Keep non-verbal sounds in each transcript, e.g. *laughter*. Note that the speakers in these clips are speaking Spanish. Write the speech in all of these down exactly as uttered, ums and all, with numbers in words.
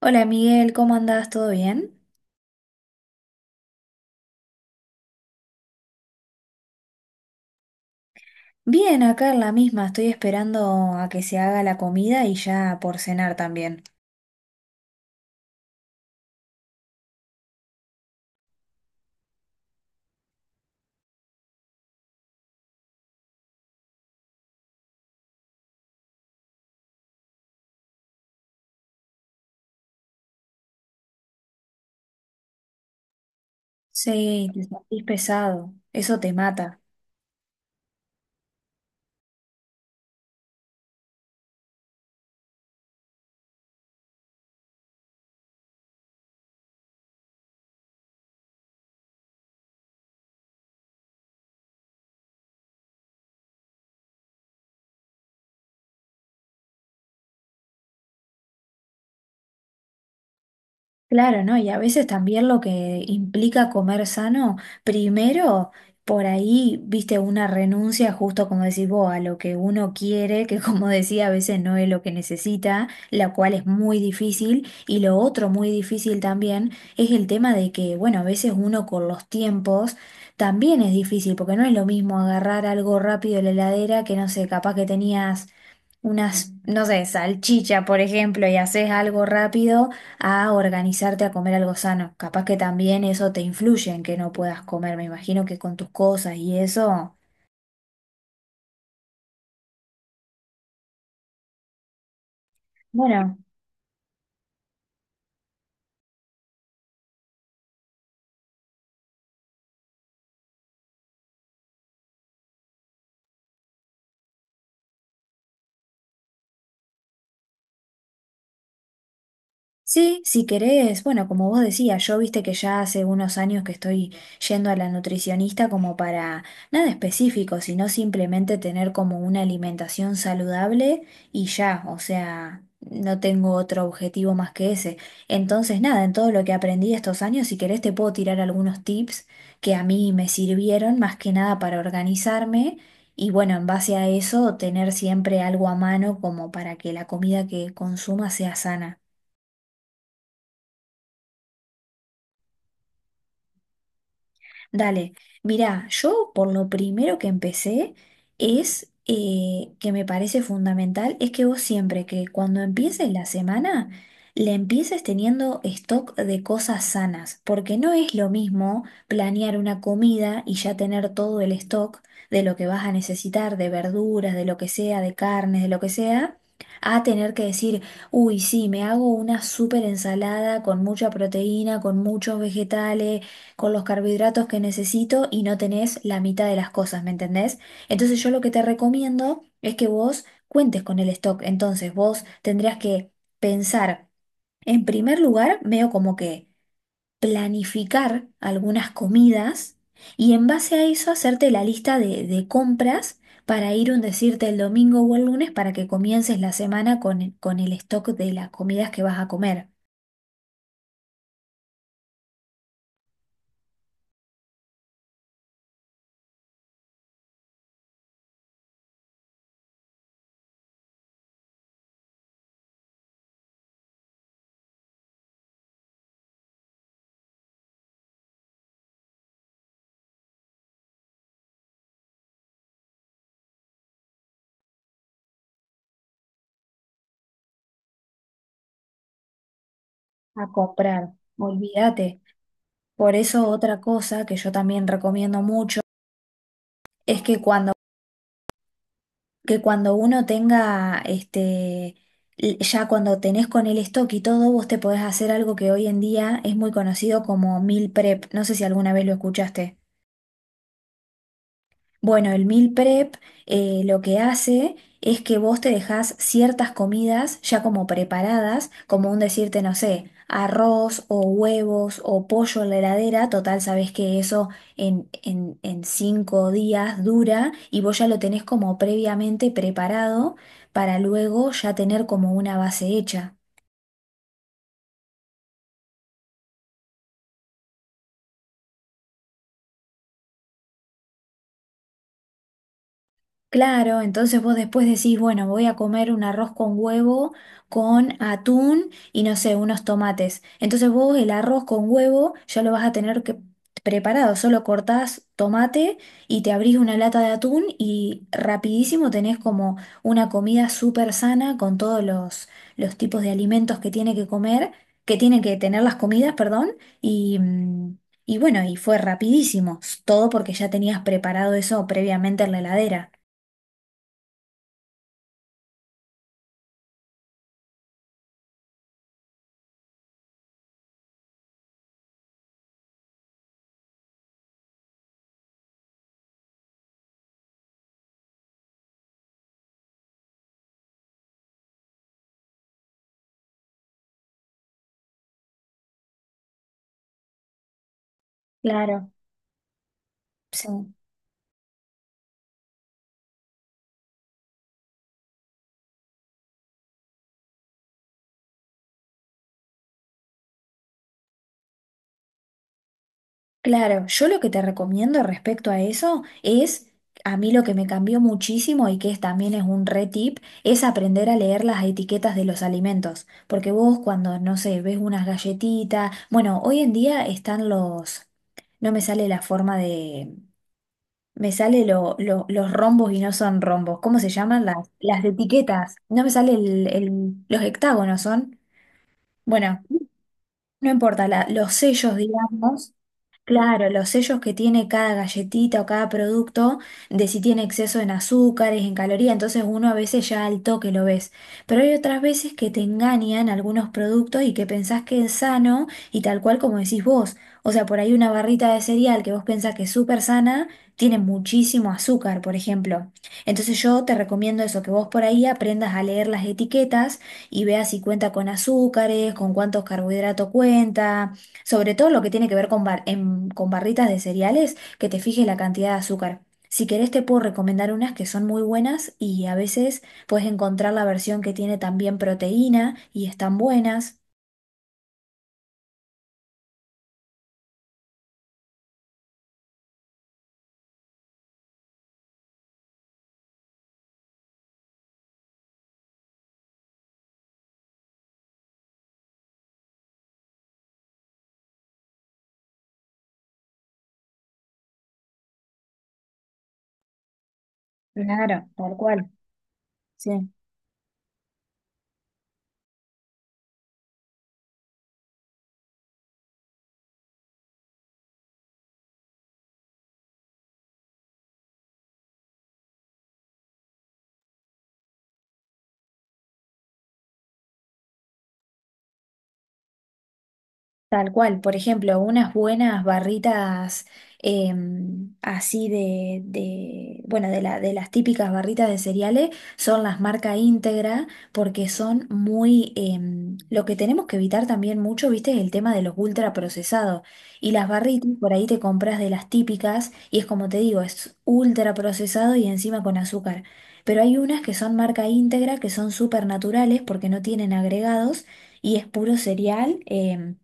Hola Miguel, ¿cómo andás? ¿Todo bien? Bien, acá en la misma, estoy esperando a que se haga la comida y ya por cenar también. Sí, te sentís pesado, eso te mata. Claro, ¿no? Y a veces también lo que implica comer sano, primero, por ahí, viste, una renuncia justo como decís vos, a lo que uno quiere, *laughs* que como decía, a veces no es lo que necesita, la cual es muy difícil. Y lo otro muy difícil también es el tema de que, bueno, a veces uno con los tiempos también es difícil, porque no es lo mismo agarrar algo rápido de la heladera que, no sé, capaz que tenías... unas, no sé, salchicha, por ejemplo, y haces algo rápido a organizarte a comer algo sano. Capaz que también eso te influye en que no puedas comer. Me imagino que con tus cosas y eso. Bueno. Sí, si querés, bueno, como vos decías, yo viste que ya hace unos años que estoy yendo a la nutricionista como para nada específico, sino simplemente tener como una alimentación saludable y ya, o sea, no tengo otro objetivo más que ese. Entonces, nada, en todo lo que aprendí estos años, si querés te puedo tirar algunos tips que a mí me sirvieron más que nada para organizarme. Y bueno, en base a eso, tener siempre algo a mano como para que la comida que consuma sea sana. Dale, mirá, yo por lo primero que empecé es eh, que me parece fundamental, es que vos siempre que cuando empieces la semana, le empieces teniendo stock de cosas sanas, porque no es lo mismo planear una comida y ya tener todo el stock de lo que vas a necesitar, de verduras, de lo que sea, de carnes, de lo que sea. a tener que decir, uy, sí, me hago una súper ensalada con mucha proteína, con muchos vegetales, con los carbohidratos que necesito y no tenés la mitad de las cosas, ¿me entendés? Entonces yo lo que te recomiendo es que vos cuentes con el stock. Entonces vos tendrías que pensar, en primer lugar, medio como que planificar algunas comidas y en base a eso hacerte la lista de, de compras para ir un decirte el domingo o el lunes para que comiences la semana con, con el stock de las comidas que vas a comer. A comprar. Olvídate. Por eso otra cosa que yo también recomiendo mucho es que cuando, que cuando uno tenga, este, l- ya cuando tenés con el stock y todo, vos te podés hacer algo que hoy en día es muy conocido como meal prep. No sé si alguna vez lo escuchaste. Bueno, el meal prep eh, lo que hace es que vos te dejás ciertas comidas ya como preparadas, como un decirte, no sé, arroz o huevos o pollo en la heladera, total, sabés que eso en, en, en cinco días dura y vos ya lo tenés como previamente preparado para luego ya tener como una base hecha. Claro, entonces vos después decís, bueno, voy a comer un arroz con huevo, con atún y no sé, unos tomates. Entonces vos el arroz con huevo ya lo vas a tener que preparado, solo cortás tomate y te abrís una lata de atún y rapidísimo tenés como una comida súper sana con todos los, los tipos de alimentos que tiene que comer, que tiene que tener las comidas, perdón, y, mm, y bueno, y fue rapidísimo, todo porque ya tenías preparado eso previamente en la heladera. Claro, sí, claro. Yo lo que te recomiendo respecto a eso es, a mí lo que me cambió muchísimo y que es, también es un re tip, es aprender a leer las etiquetas de los alimentos. Porque vos cuando, no sé, ves unas galletitas, bueno, hoy en día están los, no me sale la forma de, me sale lo, lo- los rombos y no son rombos. ¿Cómo se llaman las, las etiquetas? No me sale el, el- los hectágonos son, bueno, no importa, la- los sellos, digamos. Claro, los sellos que tiene cada galletita o cada producto, de si tiene exceso en azúcares, en calorías, entonces uno a veces ya al toque lo ves. Pero hay otras veces que te engañan algunos productos y que pensás que es sano y tal cual como decís vos. O sea, por ahí una barrita de cereal que vos pensás que es súper sana, tiene muchísimo azúcar, por ejemplo. Entonces yo te recomiendo eso, que vos por ahí aprendas a leer las etiquetas y veas si cuenta con azúcares, con cuántos carbohidratos cuenta. Sobre todo lo que tiene que ver con, bar- em, con barritas de cereales, que te fijes la cantidad de azúcar. Si querés te puedo recomendar unas que son muy buenas y a veces puedes encontrar la versión que tiene también proteína y están buenas. Claro, tal cual. Sí. Tal cual, por ejemplo, unas buenas barritas em, así de, de- bueno, de, la- de las típicas barritas de cereales son las marca íntegra porque son muy, em, lo que tenemos que evitar también mucho, viste, es el tema de los ultraprocesados. Y las barritas, por ahí te compras de las típicas y es como te digo, es ultraprocesado y encima con azúcar. Pero hay unas que son marca íntegra, que son súper naturales porque no tienen agregados y es puro cereal. em,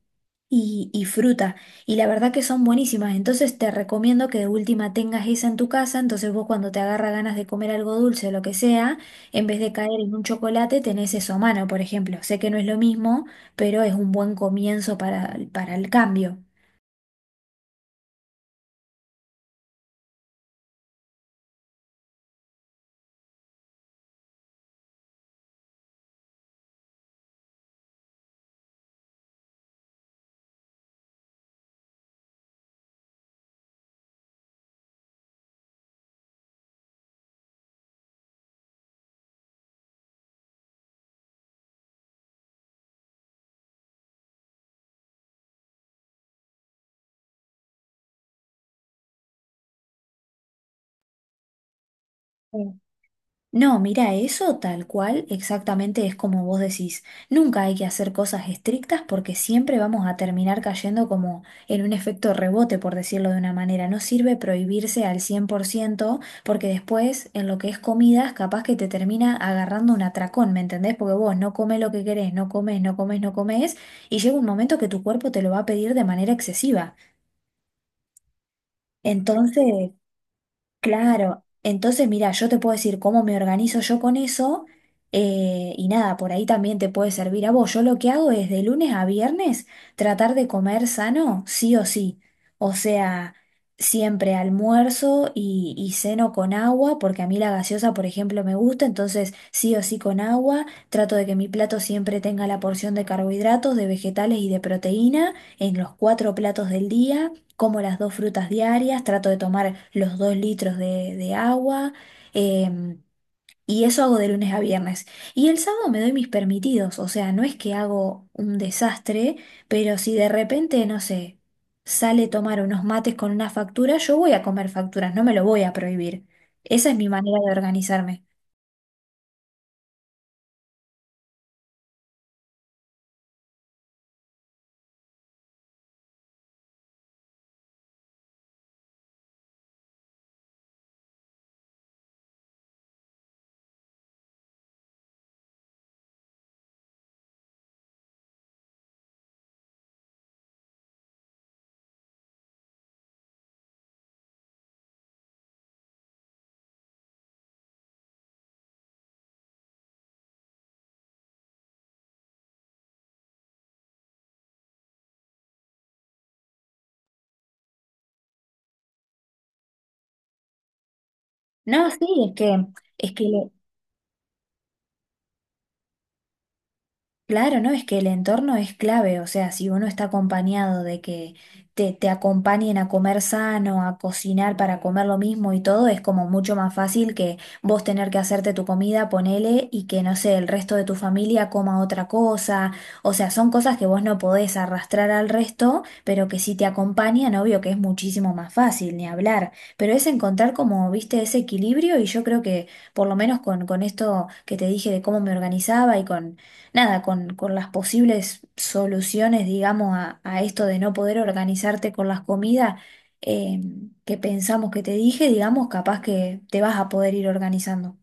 y, y fruta. Y la verdad que son buenísimas. Entonces te recomiendo que de última tengas esa en tu casa. Entonces vos cuando te agarra ganas de comer algo dulce o lo que sea, en vez de caer en un chocolate, tenés eso a mano, por ejemplo. Sé que no es lo mismo, pero es un buen comienzo para, para el cambio. No, mira, eso tal cual, exactamente es como vos decís. Nunca hay que hacer cosas estrictas porque siempre vamos a terminar cayendo como en un efecto rebote, por decirlo de una manera. No sirve prohibirse al cien por ciento porque después en lo que es comidas capaz que te termina agarrando un atracón, ¿me entendés? Porque vos no comes lo que querés, no comes, no comes, no comes y llega un momento que tu cuerpo te lo va a pedir de manera excesiva. Entonces, Claro, entonces mira, yo te puedo decir cómo me organizo yo con eso eh, y nada, por ahí también te puede servir a vos. Yo lo que hago es de lunes a viernes tratar de comer sano, sí o sí. O sea, siempre almuerzo y, y ceno con agua, porque a mí la gaseosa, por ejemplo, me gusta, entonces sí o sí con agua. Trato de que mi plato siempre tenga la porción de carbohidratos, de vegetales y de proteína en los cuatro platos del día como las dos frutas diarias, trato de tomar los dos litros de, de agua em, y eso hago de lunes a viernes. Y el sábado me doy mis permitidos, o sea, no es que hago un desastre, pero si de repente, no sé, sale tomar unos mates con una factura, yo voy a comer facturas, no me lo voy a prohibir. Esa es mi manera de organizarme. No, sí, es que, es que Claro, ¿no? Es que el entorno es clave, o sea, si uno está acompañado de que te, te acompañen a comer sano, a cocinar para comer lo mismo y todo, es como mucho más fácil que vos tener que hacerte tu comida, ponele, y que, no sé, el resto de tu familia coma otra cosa, o sea, son cosas que vos no podés arrastrar al resto, pero que si te acompañan, obvio que es muchísimo más fácil, ni hablar, pero es encontrar como, viste, ese equilibrio y yo creo que, por lo menos con, con esto que te dije de cómo me organizaba y con nada, con, con las posibles soluciones, digamos, a, a esto de no poder organizarte con las comidas eh, que pensamos que te dije, digamos, capaz que te vas a poder ir organizando.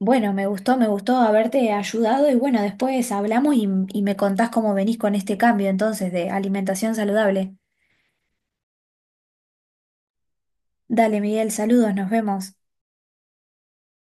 Bueno, me gustó, me gustó haberte ayudado y bueno, después hablamos y, y me contás cómo venís con este cambio entonces de alimentación saludable. Dale, Miguel, saludos, nos vemos.